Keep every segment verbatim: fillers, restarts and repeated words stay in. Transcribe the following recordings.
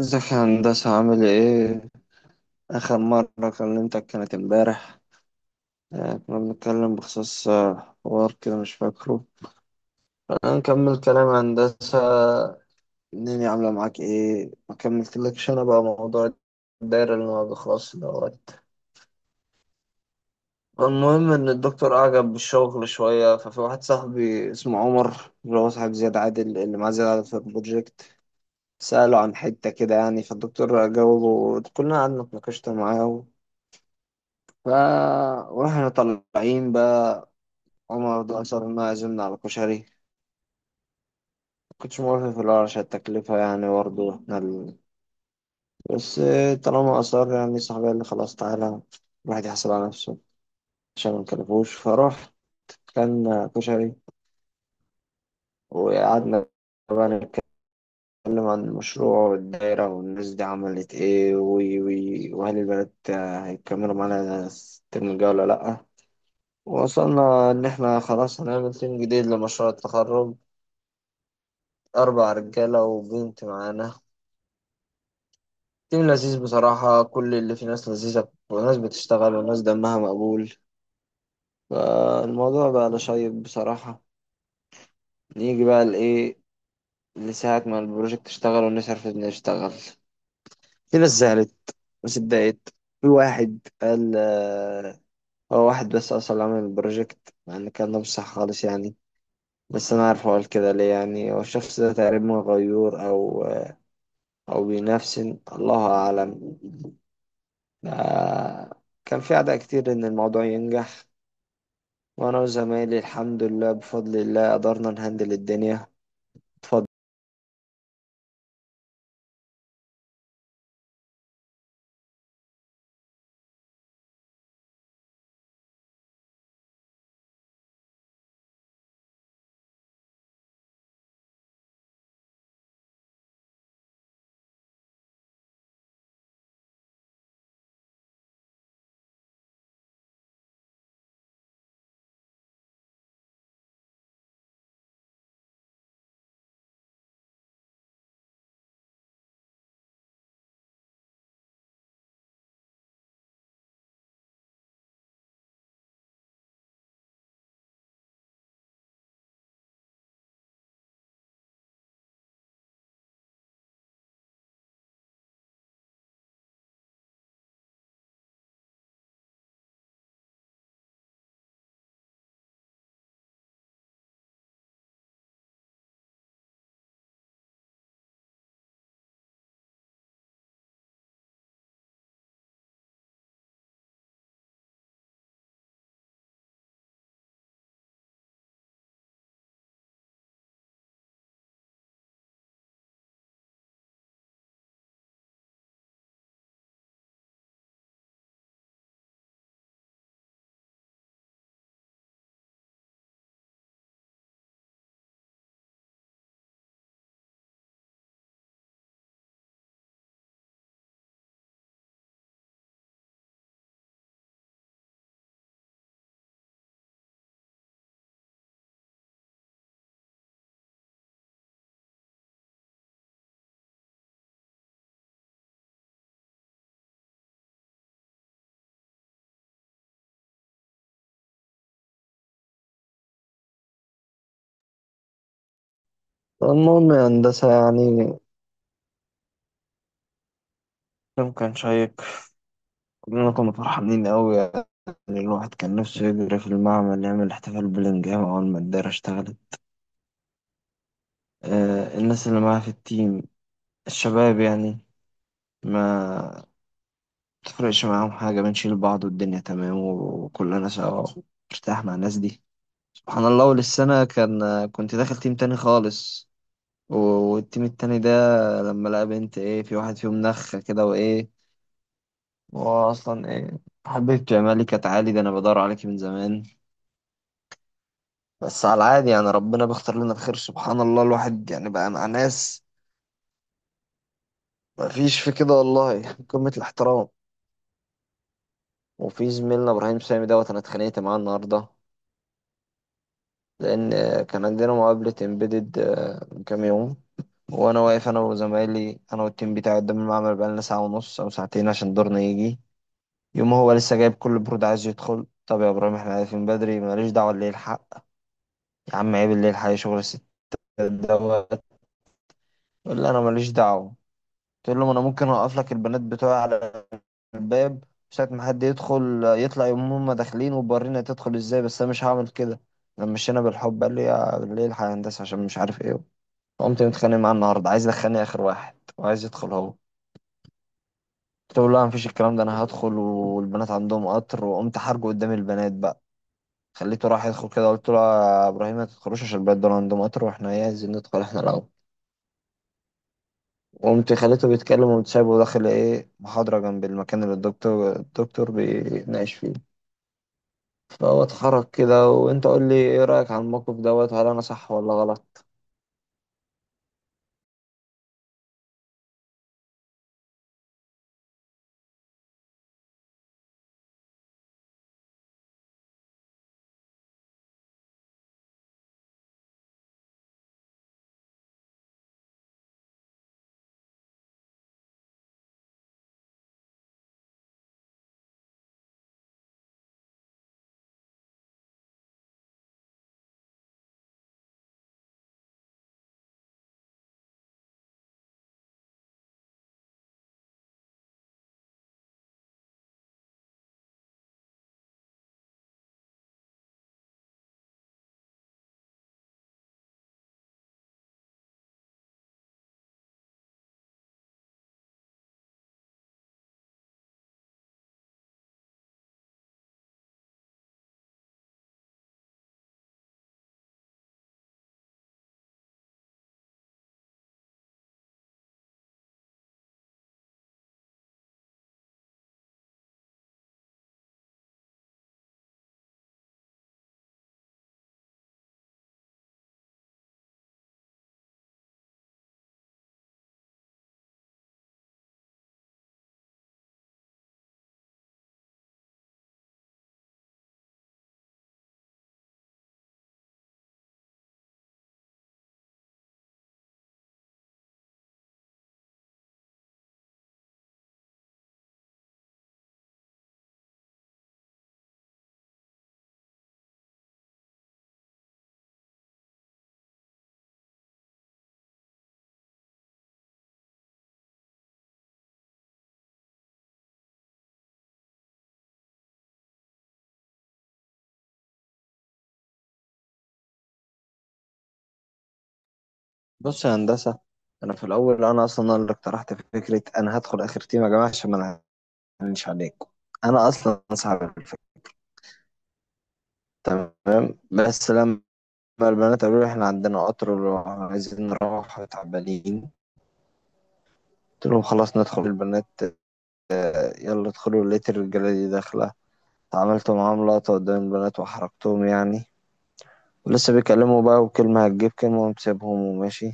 ازيك يا هندسة عامل ايه؟ آخر مرة كلمتك كانت امبارح. آه، كنا بنتكلم بخصوص آه، حوار كده مش فاكره. أنا نكمل كلام يا هندسة، الدنيا عاملة معاك ايه؟ ما كملتلكش أنا بقى موضوع الدايرة اللي ما بيخلصش دوت. المهم إن الدكتور أعجب بالشغل شوية، ففي واحد صاحبي اسمه عمر اللي هو صاحب زياد عادل اللي معاه زياد عادل في البروجكت، سأله عن حتة كده يعني، فالدكتور جاوبه، كلنا قعدنا اتناقشنا معاه. ف واحنا طالعين بقى، عمر ده أصر إنه يعزمنا على كشري. مكنتش موافق في الأول عشان التكلفة، يعني برضه إحنا ال... بس طالما أصر، يعني صاحبي قال لي خلاص تعالى الواحد يحصل على نفسه عشان ما نكلفوش، فروح كان كشري. وقعدنا بقى نتكلم عن المشروع والدايرة والناس دي عملت إيه، وي وي وهل البنات هيكملوا معانا الترم الجاي ولا لأ. وصلنا إن إحنا خلاص هنعمل تيم جديد لمشروع التخرج، أربع رجالة وبنت معانا. تيم لذيذ بصراحة، كل اللي فيه ناس لذيذة وناس بتشتغل وناس دمها مقبول، فالموضوع بقى لشيق بصراحة. نيجي بقى لإيه، لساعة ما البروجكت اشتغل ونصرف نشتغل، في ناس زعلت، ناس اتضايقت. في واحد قال آه، هو واحد بس أصلا عمل البروجكت، مع إن كان ده مش صح خالص يعني. بس أنا عارف هو قال كده ليه، يعني هو الشخص ده تقريبا غيور أو آه، أو بينافسن، الله أعلم. ده كان في أعداء كتير إن الموضوع ينجح، وأنا وزمايلي الحمد لله بفضل الله قدرنا نهندل الدنيا. اتفضل. المهم يا هندسة، يعني اليوم كان شيق، كلنا كنا فرحانين أوي يعني. الواحد كان نفسه يجري في المعمل يعمل احتفال بلنجهام أول ما الدايرة اشتغلت. آه الناس اللي معاه في التيم، الشباب يعني، ما تفرقش معاهم حاجة، بنشيل بعض والدنيا تمام وكلنا سوا. مرتاح مع الناس دي. سبحان الله، أول السنة كان كنت داخل تيم تاني خالص، و- والتيم التاني ده لما لقى بنت، ايه في واحد فيهم نخة كده، وايه هو اصلا ايه، حبيبتي يا مالك يا تعالي ده انا بدور عليكي من زمان. بس على العادي يعني، ربنا بيختار لنا الخير، سبحان الله، الواحد يعني بقى مع ناس مفيش في كده والله. قمة الاحترام. وفي زميلنا ابراهيم سامي دوت، انا اتخانقت معاه النهارده لان آه، كان عندنا مقابلة امبيدد من كام يوم، وانا واقف انا وزمايلي، انا والتيم بتاعي قدام المعمل بقالنا ساعة ونص او ساعتين عشان دورنا يجي. يوم هو لسه جايب كل برود عايز يدخل، طب يا ابراهيم احنا عارفين بدري، ماليش دعوه اللي يلحق يا عم، عيب اللي يلحق شغل الستات دوت. يقول لي انا ماليش دعوه، تقول له ما انا ممكن اوقف لك البنات بتوعي على الباب ساعة ما حد يدخل يطلع، يقوم هما داخلين وبورينا تدخل ازاي، بس انا مش هعمل كده. لما مشينا بالحب قال لي يا اللي يلحق يا هندسه، عشان مش عارف ايه. قمت متخانق معاه النهارده، عايز يدخلني اخر واحد وعايز يدخل هو. قلت له لا، مفيش الكلام ده، انا هدخل والبنات عندهم قطر، وقمت حرجه قدام البنات بقى. خليته راح يدخل كده، قلت له يا ابراهيم ما تدخلوش، عشان البلد دول عندهم قطر واحنا ايه، عايزين ندخل احنا الاول. وقمت خليته بيتكلم، وقمت سايبه داخل ايه، محاضرة جنب المكان اللي الدكتور الدكتور بيناقش فيه. فهو اتحرك كده، وانت قول لي ايه رأيك عن الموقف دوت، هل انا صح ولا غلط؟ بص يا هندسة، انا في الاول انا اصلا اللي اقترحت فكرة انا هدخل اخر تيم يا جماعة عشان ما نعلنش عليكم، انا اصلا صعب الفكرة. تمام، بس لما البنات قالوا لي احنا عندنا قطر وعايزين نروح تعبانين، قلت لهم خلاص ندخل البنات. آه، يلا ادخلوا، لقيت الرجالة دي داخلة، عملت معاهم لقطة قدام البنات وحركتهم يعني، ولسه بيكلموا بقى وكلمة هتجيب كلمة، ومسيبهم وماشي.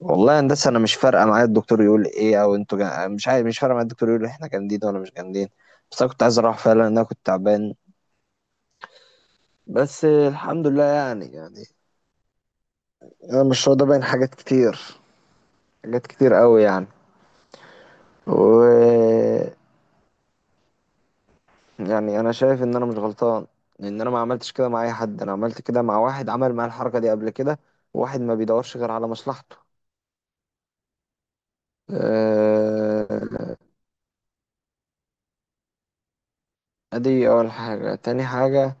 والله يا هندسة أنا مش فارقة معايا الدكتور يقول إيه، أو أنتوا جا... مش عارف، مش فارقة معايا الدكتور يقول إحنا جامدين ولا مش جامدين، بس أنا كنت عايز أروح فعلا لأن أنا كنت تعبان. بس آه، الحمد لله، يعني يعني أنا مش راضي باين حاجات كتير، حاجات كتير قوي يعني. و يعني انا شايف ان انا مش غلطان، لان انا ما عملتش كده مع اي حد، انا عملت كده مع واحد عمل معايا الحركه دي قبل كده، واحد ما بيدورش غير على مصلحته. آه، ادي اول حاجه. تاني حاجه،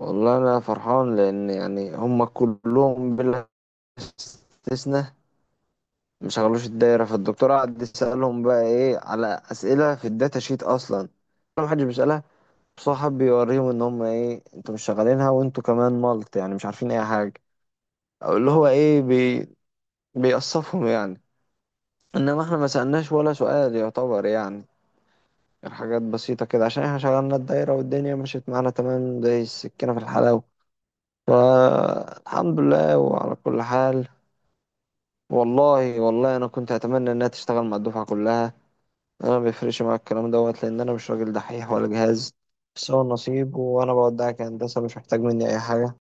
والله انا فرحان لان يعني هم كلهم بلا استثناء مش شغلوش الدايره، فالدكتور قعد يسالهم بقى ايه على اسئله في الداتا شيت اصلا ما حدش بيسالها، بس هو حب يوريهم ان هم ايه، انتوا مش شغالينها وانتوا كمان ملط، يعني مش عارفين اي حاجه، او اللي هو ايه، بيقصفهم يعني. انما احنا ما سألناش ولا سؤال يعتبر، يعني الحاجات بسيطة كده عشان احنا شغلنا الدايرة والدنيا مشيت معانا تمام زي السكينة في الحلاوة، فالحمد لله وعلى كل حال. والله والله انا كنت اتمنى انها تشتغل مع الدفعة كلها، انا ما بيفرقش معايا الكلام دوت، لان انا مش راجل دحيح ولا جهاز، بس هو النصيب. وانا بودعك يا هندسة، مش محتاج مني اي حاجة.